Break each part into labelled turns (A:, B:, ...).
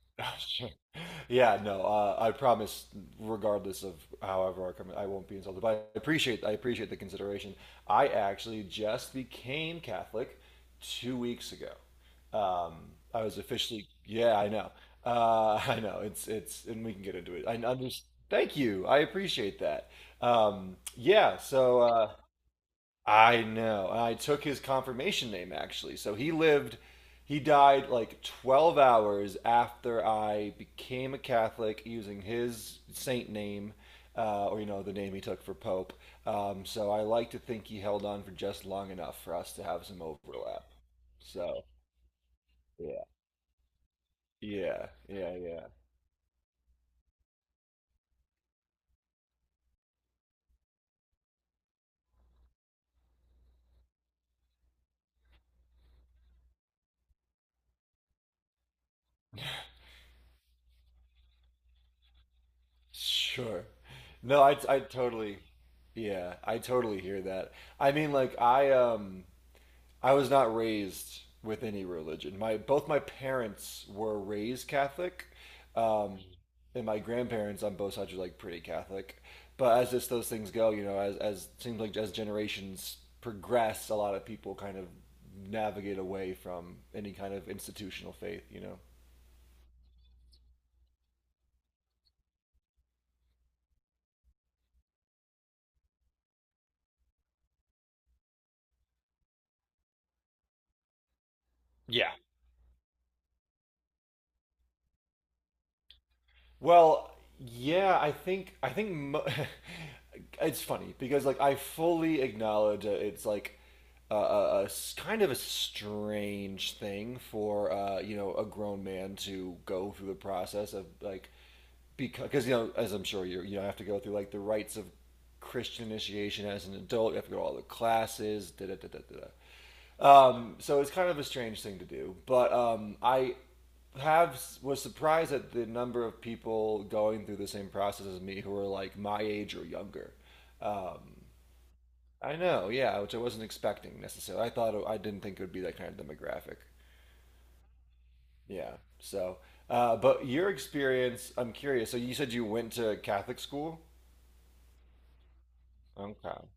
A: Oh, yeah, no, I promise, regardless of however I come, I won't be insulted. But I appreciate the consideration. I actually just became Catholic 2 weeks ago. Um, I was officially, yeah, I know, I know. And we can get into it. I understand. Thank you. I appreciate that. Um, yeah. So. Uh, I know. I took his confirmation name actually. So he died like 12 hours after I became a Catholic using his saint name or you know the name he took for pope. So I like to think he held on for just long enough for us to have some overlap. So Yeah. Yeah, yeah, yeah. Sure. No, I totally yeah, I totally hear that. I mean, I was not raised with any religion. My both my parents were raised Catholic, um, and my grandparents on both sides were like pretty Catholic. But as just those things go, you know, as seems like as generations progress, a lot of people kind of navigate away from any kind of institutional faith. Yeah. Well, yeah, I think I think mo- it's funny because like I fully acknowledge that it's like kind of a strange thing for you know, a grown man to go through the process of like because you know, as I'm sure you know, have to go through like the rites of Christian initiation as an adult. You have to go to all the classes. Da da da da da. Da. So it's kind of a strange thing to do, but I have was surprised at the number of people going through the same process as me who are like my age or younger. Um, I know, yeah, which I wasn't expecting necessarily. I didn't think it would be that kind of demographic. Yeah, so. But your experience, I'm curious. So you said you went to Catholic school? Okay.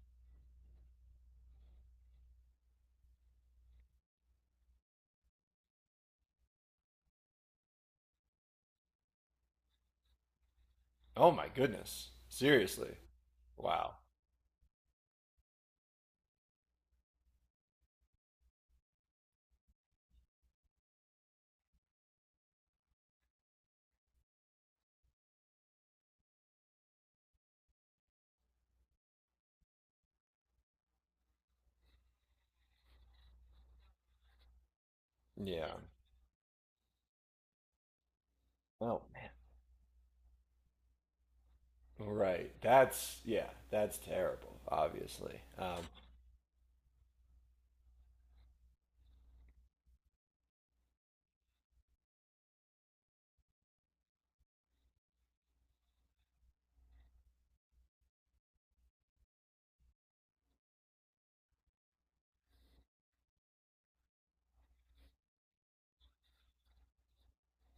A: Oh my goodness. Seriously. Wow. Yeah. Oh, right. That's, yeah, that's terrible. Obviously.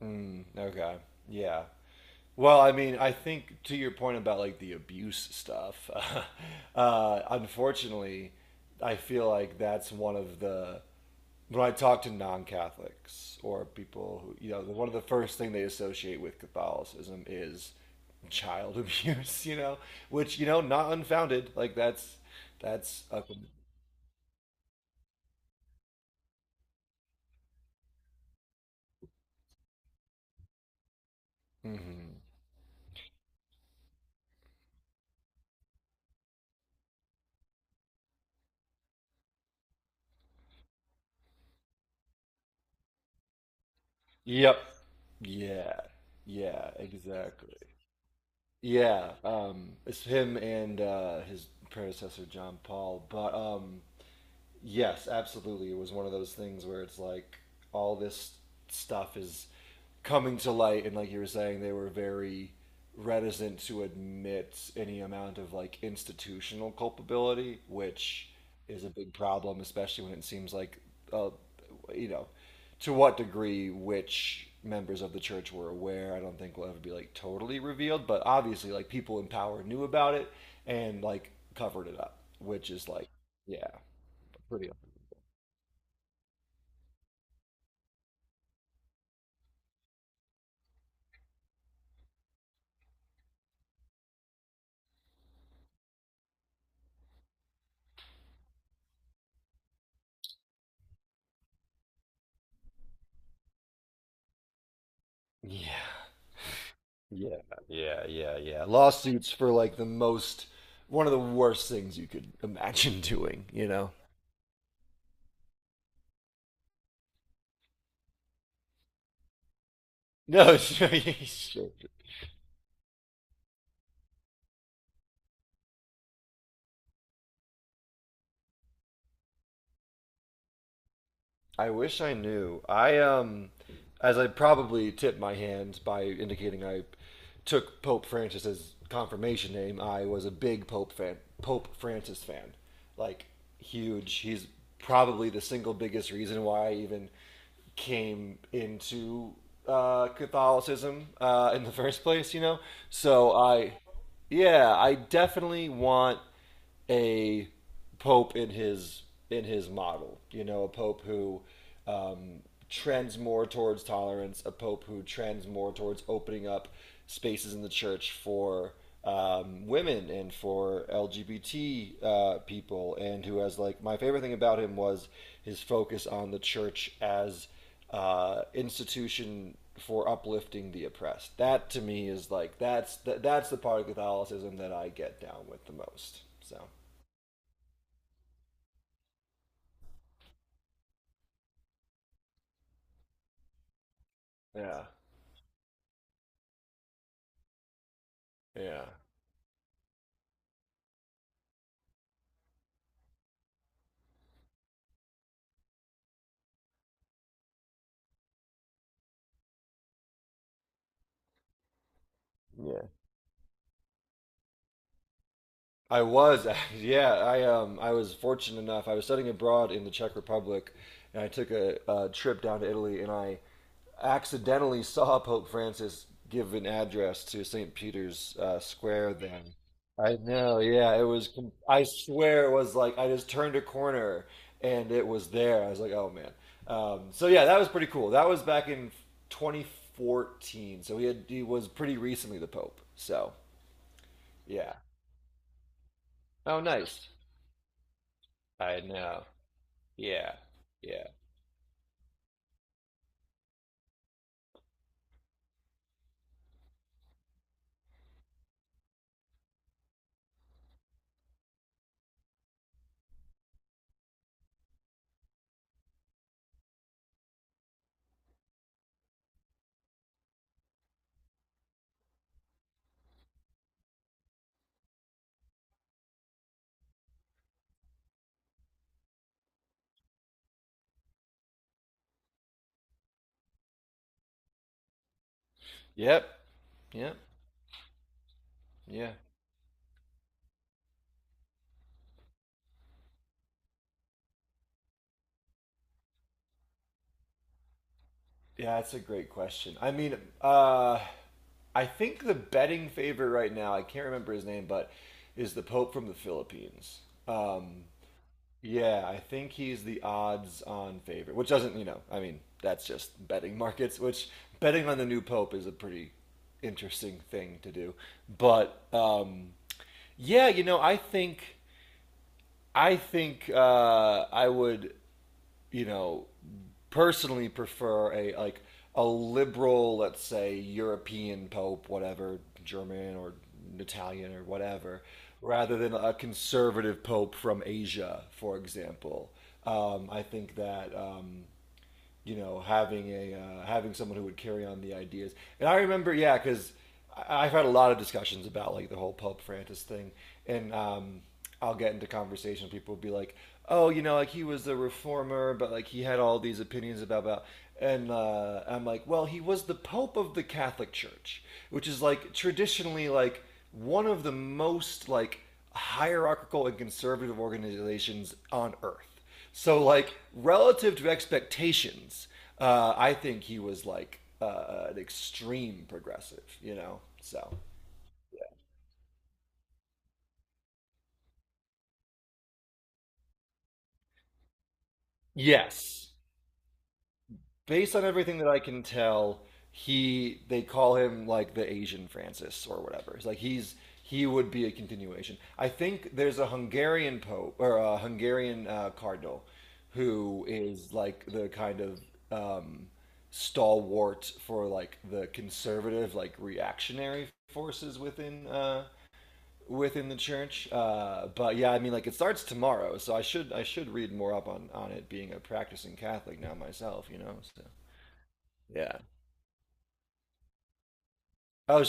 A: Mm, okay. Yeah. Well, I mean, I think to your point about like the abuse stuff. Unfortunately, I feel like that's one of the when I talk to non-Catholics or people who, you know, one of the first thing they associate with Catholicism is child abuse. You know, which you know, not unfounded. Like that's a, mhm. Yep. Yeah. Yeah, exactly. Yeah. It's him and his predecessor John Paul. But yes, absolutely. It was one of those things where it's like all this stuff is coming to light, and like you were saying, they were very reticent to admit any amount of like institutional culpability, which is a big problem, especially when it seems like, uh, you know, to what degree which members of the church were aware. I don't think will ever be like totally revealed, but obviously, like people in power knew about it and like covered it up, which is like, yeah, pretty. Yeah, yeah, yeah, yeah, yeah. Lawsuits for like the most, one of the worst things you could imagine doing, you know? No, sure, sure, I wish I knew. I As I probably tipped my hands by indicating I took Pope Francis's confirmation name. I was a big Pope fan, Pope Francis fan, like huge. He's probably the single biggest reason why I even came into Catholicism in the first place. You know, so I, yeah, I definitely want a pope in his model. You know, a pope who um, trends more towards tolerance, a pope who trends more towards opening up spaces in the church for women and for LGBT people, and who has like my favorite thing about him was his focus on the church as institution for uplifting the oppressed. That to me is like that's the part of Catholicism that I get down with the most. So yeah, yeah, yeah. I was, yeah. I was fortunate enough. I was studying abroad in the Czech Republic, and I took a trip down to Italy, and I accidentally saw Pope Francis give an address to St. Peter's Square then. I know, yeah. I swear it was like I just turned a corner and it was there. I was like, oh man. So yeah, that was pretty cool. That was back in 2014. So he was pretty recently the Pope. So yeah. Oh, nice. I know. Yeah. Yeah. Yep. Yep. Yeah. Yeah, that's a great question. I mean, I think the betting favorite right now, I can't remember his name, but is the Pope from the Philippines. Um, yeah, I think he's the odds on favorite, which doesn't, you know, I mean, that's just betting markets, which betting on the new Pope is a pretty interesting thing to do. But yeah, you know, I would, you know, personally prefer a like a liberal, let's say European pope, whatever, German or Italian or whatever, rather than a conservative pope from Asia, for example. I think that you know, having someone who would carry on the ideas. And I remember, yeah, because I've had a lot of discussions about like the whole Pope Francis thing, and I'll get into conversation. People will be like, "Oh, you know, like he was a reformer, but like he had all these opinions about." And I'm like, "Well, he was the Pope of the Catholic Church, which is like traditionally like one of the most like hierarchical and conservative organizations on Earth. So, like, relative to expectations, I think he was like an extreme progressive, you know? So, yes. Based on everything that I can tell, he they call him like the Asian Francis or whatever. It's like he would be a continuation. I think there's a Hungarian pope or a Hungarian cardinal who is like the kind of um, stalwart for like the conservative like reactionary forces within within the church. But yeah, I mean like it starts tomorrow, so I should read more up on it, being a practicing Catholic now myself, you know. So yeah. Oh,